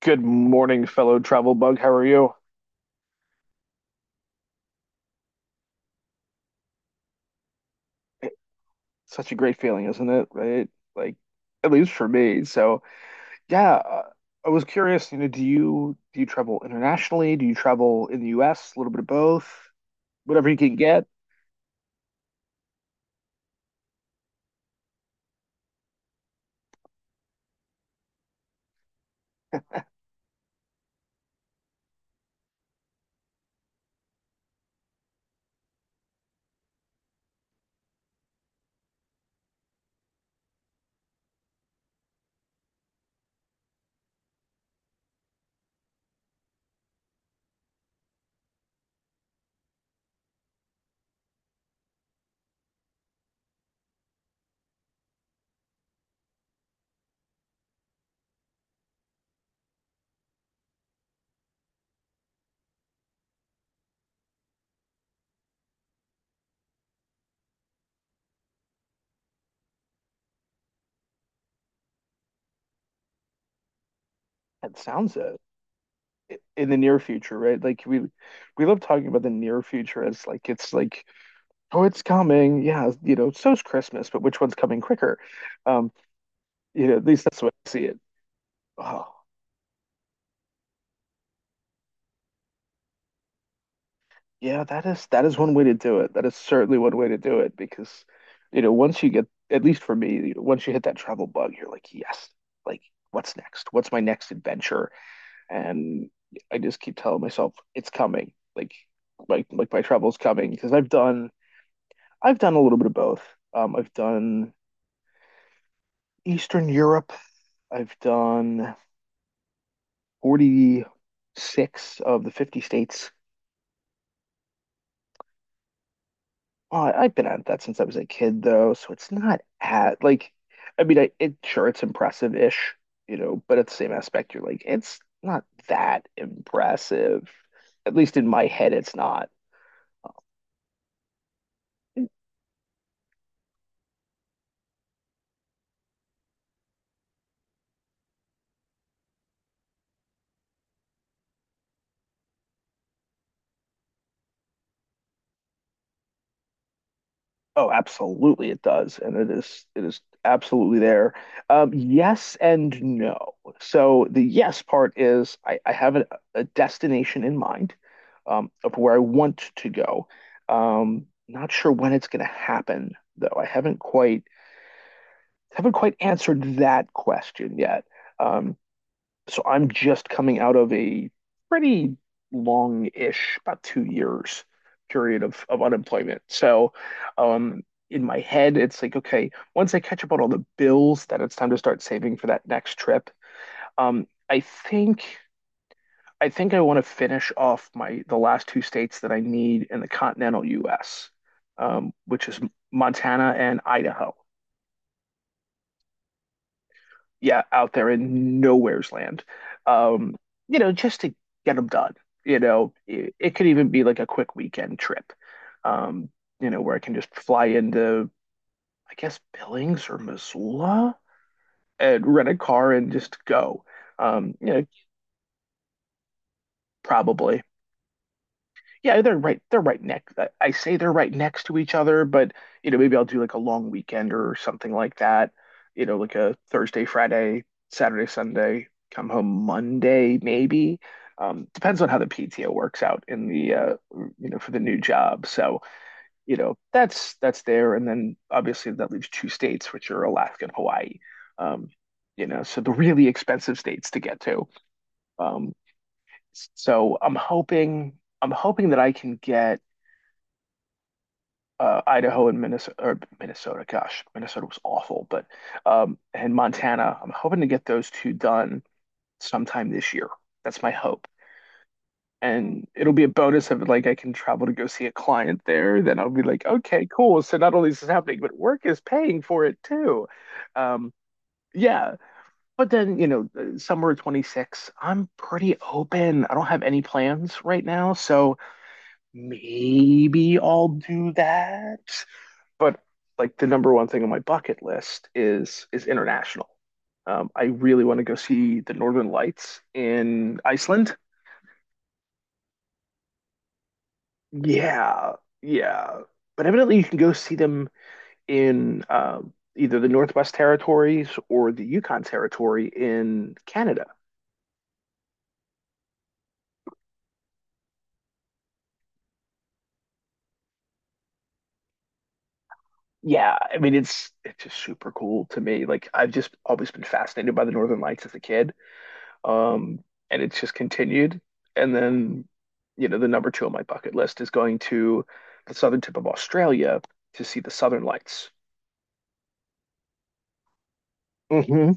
Good morning, fellow travel bug. How are you? It's such a great feeling, isn't it? Right? Like, at least for me. So, yeah, I was curious, you know, do you travel internationally? Do you travel in the US? A little bit of both, whatever you can get. That sounds it. In the near future, right? Like we love talking about the near future as like it's like, oh, it's coming. Yeah, you know, so's Christmas, but which one's coming quicker? Um, you know, at least that's the way I see it. Oh, yeah, that is one way to do it. That is certainly one way to do it because, you know, once you get, at least for me, once you hit that travel bug, you're like, yes, like what's next? What's my next adventure? And I just keep telling myself it's coming. Like my travel's coming because I've done a little bit of both. I've done Eastern Europe. I've done 46 of the 50 states. Oh, I've been at that since I was a kid, though, so it's not at like, I mean, I it sure it's impressive-ish, you know, but at the same aspect, you're like, it's not that impressive. At least in my head, it's not. Mm. Oh, absolutely, it does, and it is absolutely there. Yes and no. So the yes part is I have a destination in mind, of where I want to go. Not sure when it's going to happen though. I haven't quite answered that question yet. Um, so I'm just coming out of a pretty long-ish, about 2 years period of unemployment. So, um, in my head, it's like, okay, once I catch up on all the bills, then it's time to start saving for that next trip. Um, I think I think I want to finish off my the last two states that I need in the continental US, which is Montana and Idaho. Yeah, out there in nowhere's land. Um, you know, just to get them done. You know, it could even be like a quick weekend trip. Um, you know, where I can just fly into, I guess, Billings or Missoula and rent a car and just go. Um, you know, Probably. Yeah, They're right next. I say they're right next to each other, but you know, maybe I'll do like a long weekend or something like that. You know, like a Thursday, Friday, Saturday, Sunday, come home Monday, maybe. Depends on how the PTO works out in the you know, for the new job. So, you know, that's there. And then obviously that leaves two states, which are Alaska and Hawaii. Um, you know, so the really expensive states to get to. Um, so I'm hoping I'm hoping that I can get Idaho and Minnesota, or Minnesota, gosh, Minnesota was awful, but and Montana. I'm hoping to get those two done sometime this year. That's my hope. And it'll be a bonus if like I can travel to go see a client there. Then I'll be like, okay, cool. So not only is this happening, but work is paying for it too. Um, yeah. But then, you know, summer of 26, I'm pretty open. I don't have any plans right now, so maybe I'll do that, but like the number one thing on my bucket list is international. I really want to go see the Northern Lights in Iceland. Yeah, yeah. But evidently, you can go see them in either the Northwest Territories or the Yukon Territory in Canada. Yeah, I mean it's just super cool to me. Like I've just always been fascinated by the Northern Lights as a kid. Um, and it's just continued. And then, you know, the number two on my bucket list is going to the southern tip of Australia to see the Southern Lights. Hmm.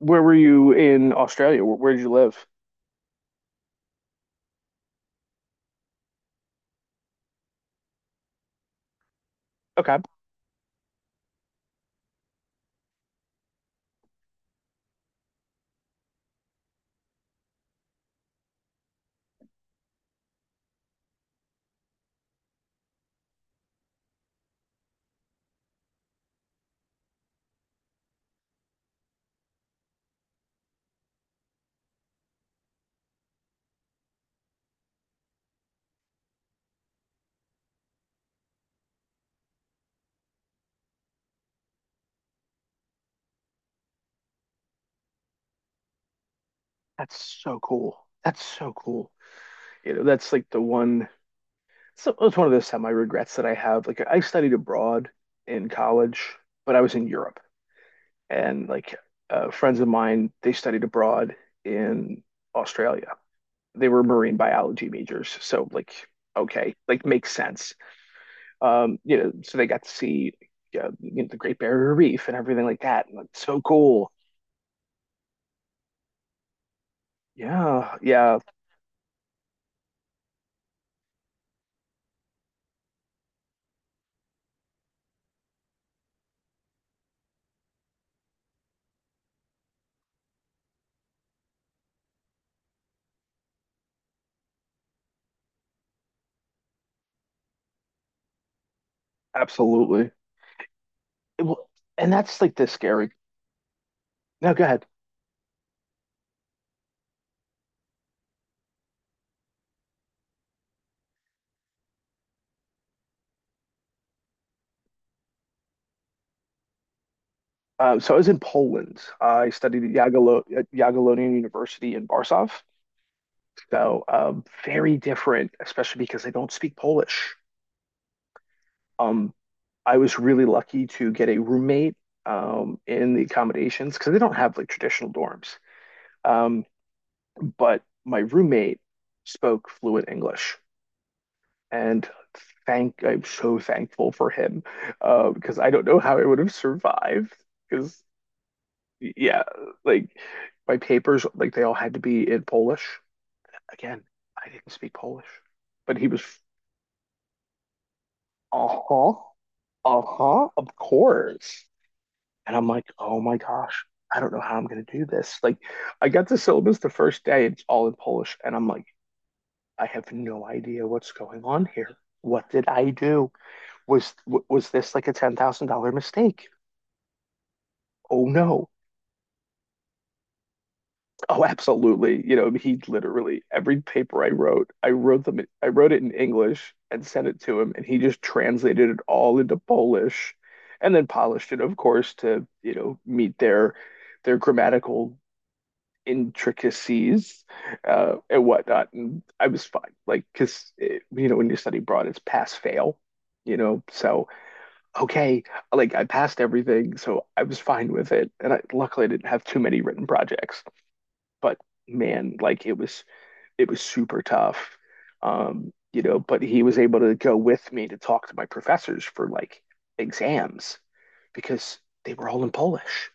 Where were you in Australia? Where did you live? Okay, that's so cool. That's so cool. You know, that's like the one. So it's one of those semi regrets that I have. Like I studied abroad in college, but I was in Europe, and like friends of mine, they studied abroad in Australia, they were marine biology majors, so like okay, like makes sense. You know, so they got to see yeah, you know, the Great Barrier Reef and everything like that. And, like, so cool. Yeah, yeah, absolutely. It will- and that's like the scary. No, go ahead. So I was in Poland. I studied at Jagiellonian University in Warsaw. So very different, especially because they don't speak Polish. Um, I was really lucky to get a roommate in the accommodations because they don't have like traditional dorms. Um, but my roommate spoke fluent English, and thank I'm so thankful for him, because I don't know how I would have survived. Because yeah, like my papers, like they all had to be in Polish. Again, I didn't speak Polish, but he was uh-huh, uh-huh, of course. And I'm like, oh my gosh, I don't know how I'm gonna do this. Like, I got the syllabus the first day, it's all in Polish, and I'm like, I have no idea what's going on here. What did I do? Was was this like a $10,000 mistake? Oh no. Oh, absolutely. You know, he literally every paper I wrote, I wrote it in English and sent it to him, and he just translated it all into Polish and then polished it, of course, to, you know, meet their grammatical intricacies, and whatnot. And I was fine, like, because, you know, when you study abroad, it's pass fail, you know. So, okay, like I passed everything, so I was fine with it. And luckily, I didn't have too many written projects, but man, like, it was super tough. You know, but he was able to go with me to talk to my professors for like exams because they were all in Polish,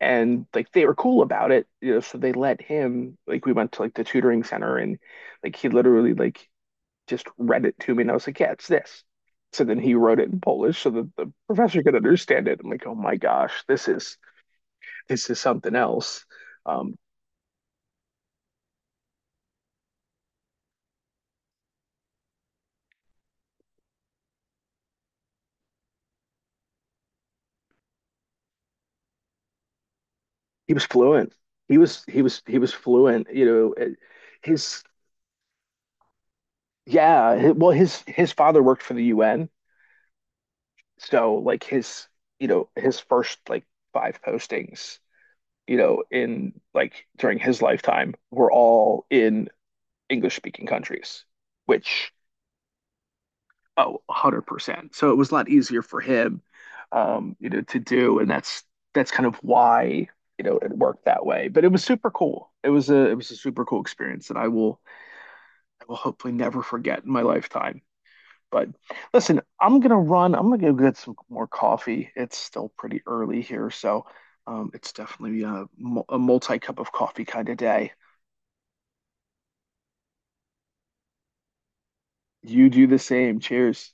and like they were cool about it, you know, so they let him, like we went to like the tutoring center, and like he literally like just read it to me, and I was like yeah it's this, so then he wrote it in Polish so that the professor could understand it. I'm like oh my gosh, this is something else. um he was fluent. He was fluent, you know. It- his yeah hi- well His father worked for the UN, so like his, you know, his first like five postings, you know, in like during his lifetime, were all in English speaking countries, which, oh, 100%. So it was a lot easier for him, you know, to do. And that's kind of why, you know, it worked that way. But it was super cool. It was a super cool experience that I will hopefully never forget in my lifetime. But listen, I'm gonna run. I'm gonna go get some more coffee. It's still pretty early here, so it's definitely a a multi cup of coffee kind of day. You do the same. Cheers.